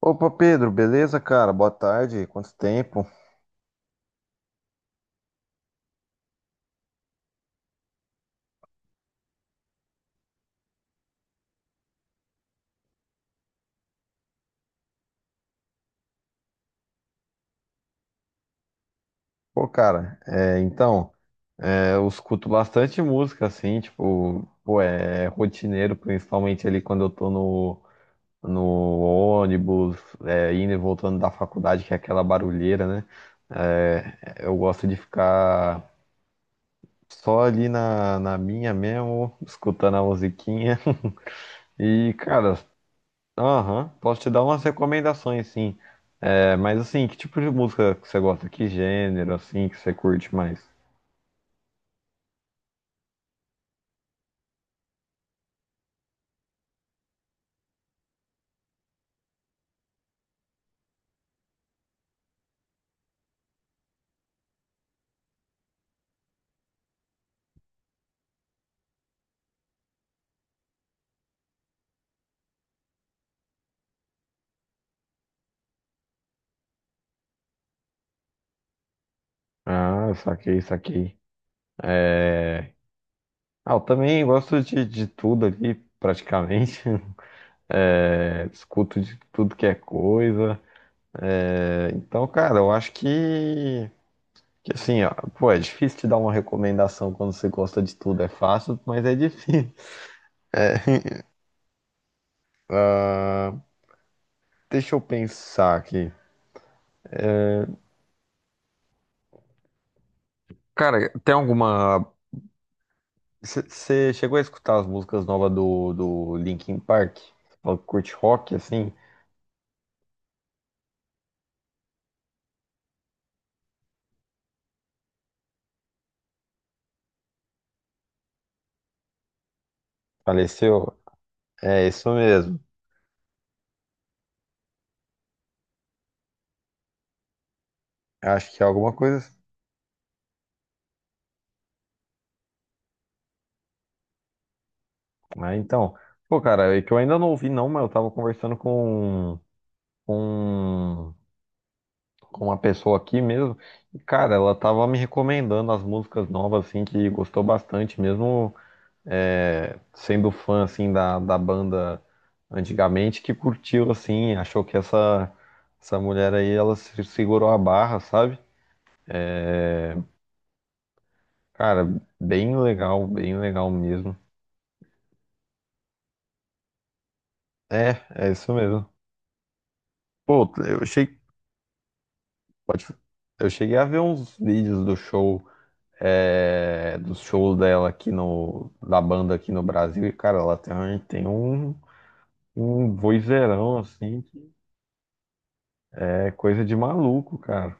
Opa, Pedro, beleza, cara? Boa tarde, quanto tempo? Pô, cara, é, então, é, eu escuto bastante música, assim, tipo, pô, é rotineiro, principalmente ali quando eu tô no, ônibus, é, indo e voltando da faculdade, que é aquela barulheira, né? É, eu gosto de ficar só ali na minha mesmo, escutando a musiquinha. E, cara, aham, posso te dar umas recomendações, sim. É, mas assim, que tipo de música que você gosta? Que gênero, assim, que você curte mais? Ah, saquei, saquei. Ah, eu também gosto de tudo ali, praticamente. É, escuto de tudo que é coisa. É, então, cara, eu acho que assim, ó, pô, é difícil te dar uma recomendação quando você gosta de tudo. É fácil, mas é difícil. Ah, deixa eu pensar aqui. Cara, tem alguma você chegou a escutar as músicas novas do Linkin Park? Falou que curte rock, assim? Faleceu? É isso mesmo. Acho que é alguma coisa assim. Ah, então. Pô, cara, é que eu ainda não ouvi, não, mas eu tava conversando com, com uma pessoa aqui mesmo. E, cara, ela tava me recomendando as músicas novas, assim, que gostou bastante, mesmo é, sendo fã assim da, banda antigamente que curtiu assim, achou que essa mulher aí ela se segurou a barra, sabe? É, cara, bem legal mesmo. É, é isso mesmo. Pô, pode- eu cheguei a ver uns vídeos do show dela aqui da banda aqui no Brasil e cara, ela tem um vozeirão assim, que é coisa de maluco, cara.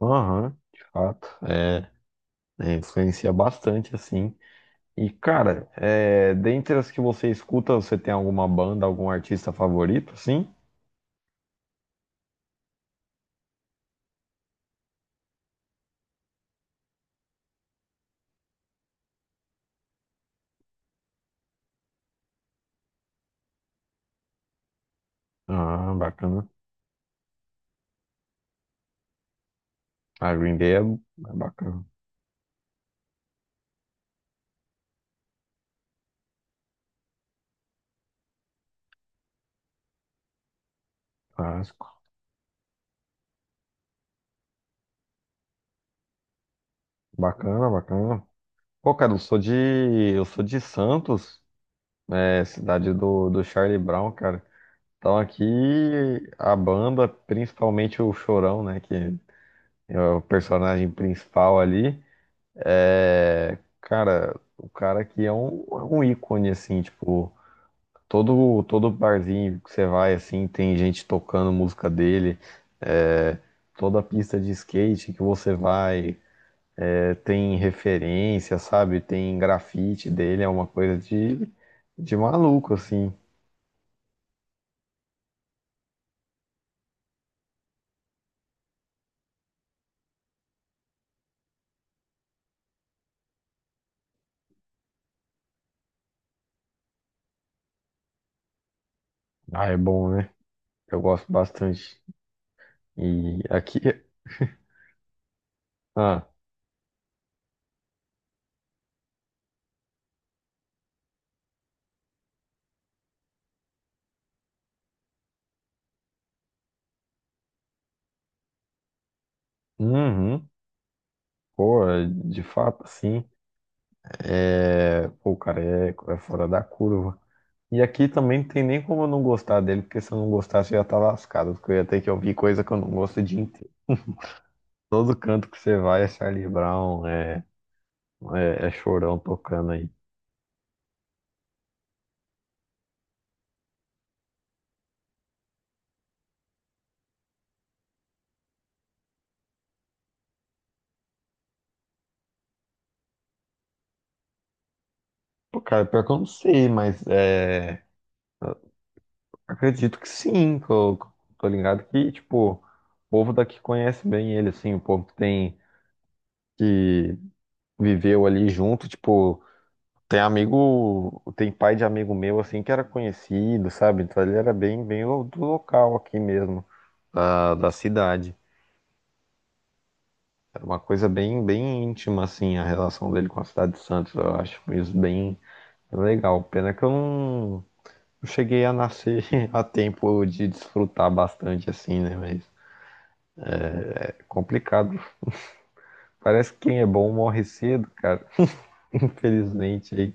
Aham, de fato. É, influencia bastante, assim. E, cara, é, dentre as que você escuta, você tem alguma banda, algum artista favorito, sim? Ah, bacana. A Green Day é bacana. Clássico. Bacana, bacana. Pô, cara, eu sou de Santos, né? Cidade do, Charlie Brown, cara. Então aqui a banda, principalmente o Chorão, né? Que é o personagem principal ali. É, cara, o cara aqui é um ícone, assim, tipo, todo barzinho que você vai, assim, tem gente tocando música dele, é, toda pista de skate que você vai, é, tem referência, sabe? Tem grafite dele, é uma coisa de maluco, assim. Ah, é bom, né? Eu gosto bastante. E aqui, ah, uhum, pô, de fato, assim, é, pô, o cara é fora da curva. E aqui também não tem nem como eu não gostar dele, porque se eu não gostasse eu já tá lascado, porque eu ia ter que ouvir coisa que eu não gosto o dia inteiro. Todo canto que você vai é Charlie Brown, é Chorão tocando aí. Pô, cara, pior que eu não sei, mas é, acredito que sim, que eu tô ligado que, tipo, o povo daqui conhece bem ele, assim, o povo que viveu ali junto, tipo, tem amigo, tem pai de amigo meu, assim, que era conhecido, sabe? Então ele era bem, bem do local aqui mesmo, da cidade. Era uma coisa bem, bem íntima, assim, a relação dele com a cidade de Santos. Eu acho isso bem legal. Pena que eu não cheguei a nascer a tempo de desfrutar bastante, assim, né? Mas é complicado. Parece que quem é bom morre cedo, cara. Infelizmente, aí.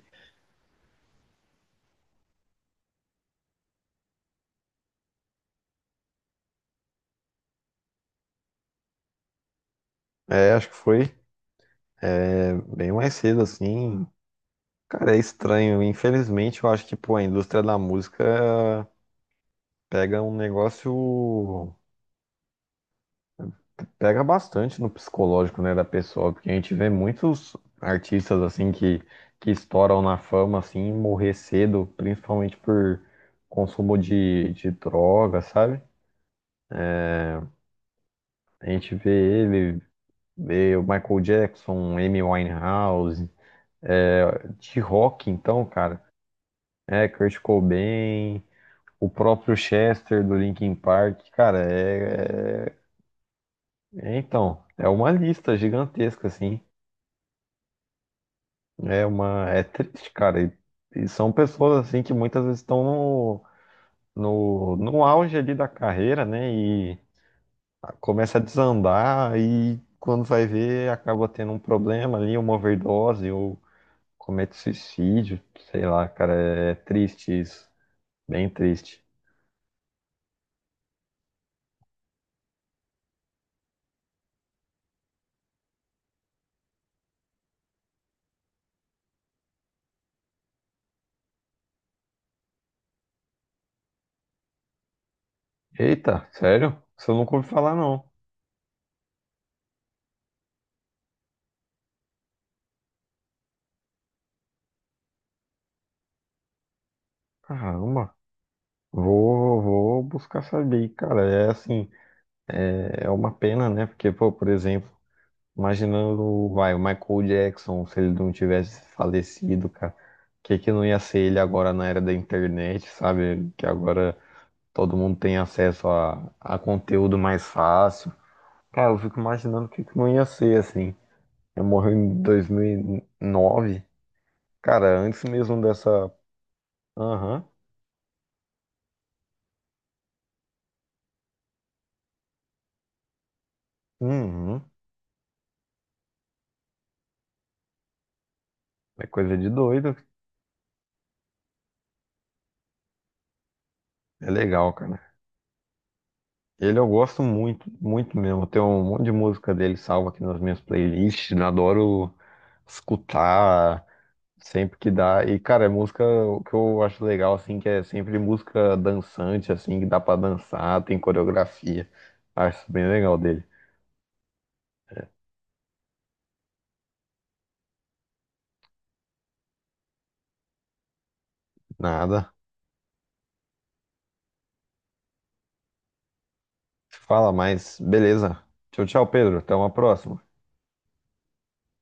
É, acho que foi bem mais cedo, assim. Cara, é estranho. Infelizmente, eu acho que, pô, a indústria da música pega um negócio Pega bastante no psicológico, né, da pessoa, porque a gente vê muitos artistas assim que estouram na fama assim, e morrer cedo, principalmente por consumo de, droga, sabe? A gente vê o Michael Jackson, Amy Winehouse, é, de rock então, cara, é Kurt Cobain, o próprio Chester do Linkin Park, cara, então, é uma lista gigantesca assim. é triste, cara. E são pessoas assim que muitas vezes estão no auge ali da carreira, né? E começa a desandar e quando vai ver acaba tendo um problema ali, uma overdose ou comete suicídio, sei lá, cara. É triste isso, bem triste. Eita, sério? Isso eu nunca ouvi falar não. Caramba. Vou buscar saber, cara. É assim, é uma pena, né? Porque, pô, por exemplo, imaginando, vai, o Michael Jackson, se ele não tivesse falecido, cara, o que que não ia ser ele agora na era da internet, sabe? Que agora todo mundo tem acesso a, conteúdo mais fácil. Cara, eu fico imaginando o que que não ia ser, assim. Eu morri em 2009, cara, antes mesmo dessa. Aham, uhum, é coisa de doido. É legal, cara. Ele eu gosto muito, muito mesmo. Eu tenho um monte de música dele salva aqui nas minhas playlists. Eu adoro escutar sempre que dá. E, cara, é música o que eu acho legal, assim, que é sempre música dançante, assim, que dá pra dançar, tem coreografia. Acho isso bem legal dele. Nada. Fala, mas beleza. Tchau, tchau, Pedro. Até uma próxima.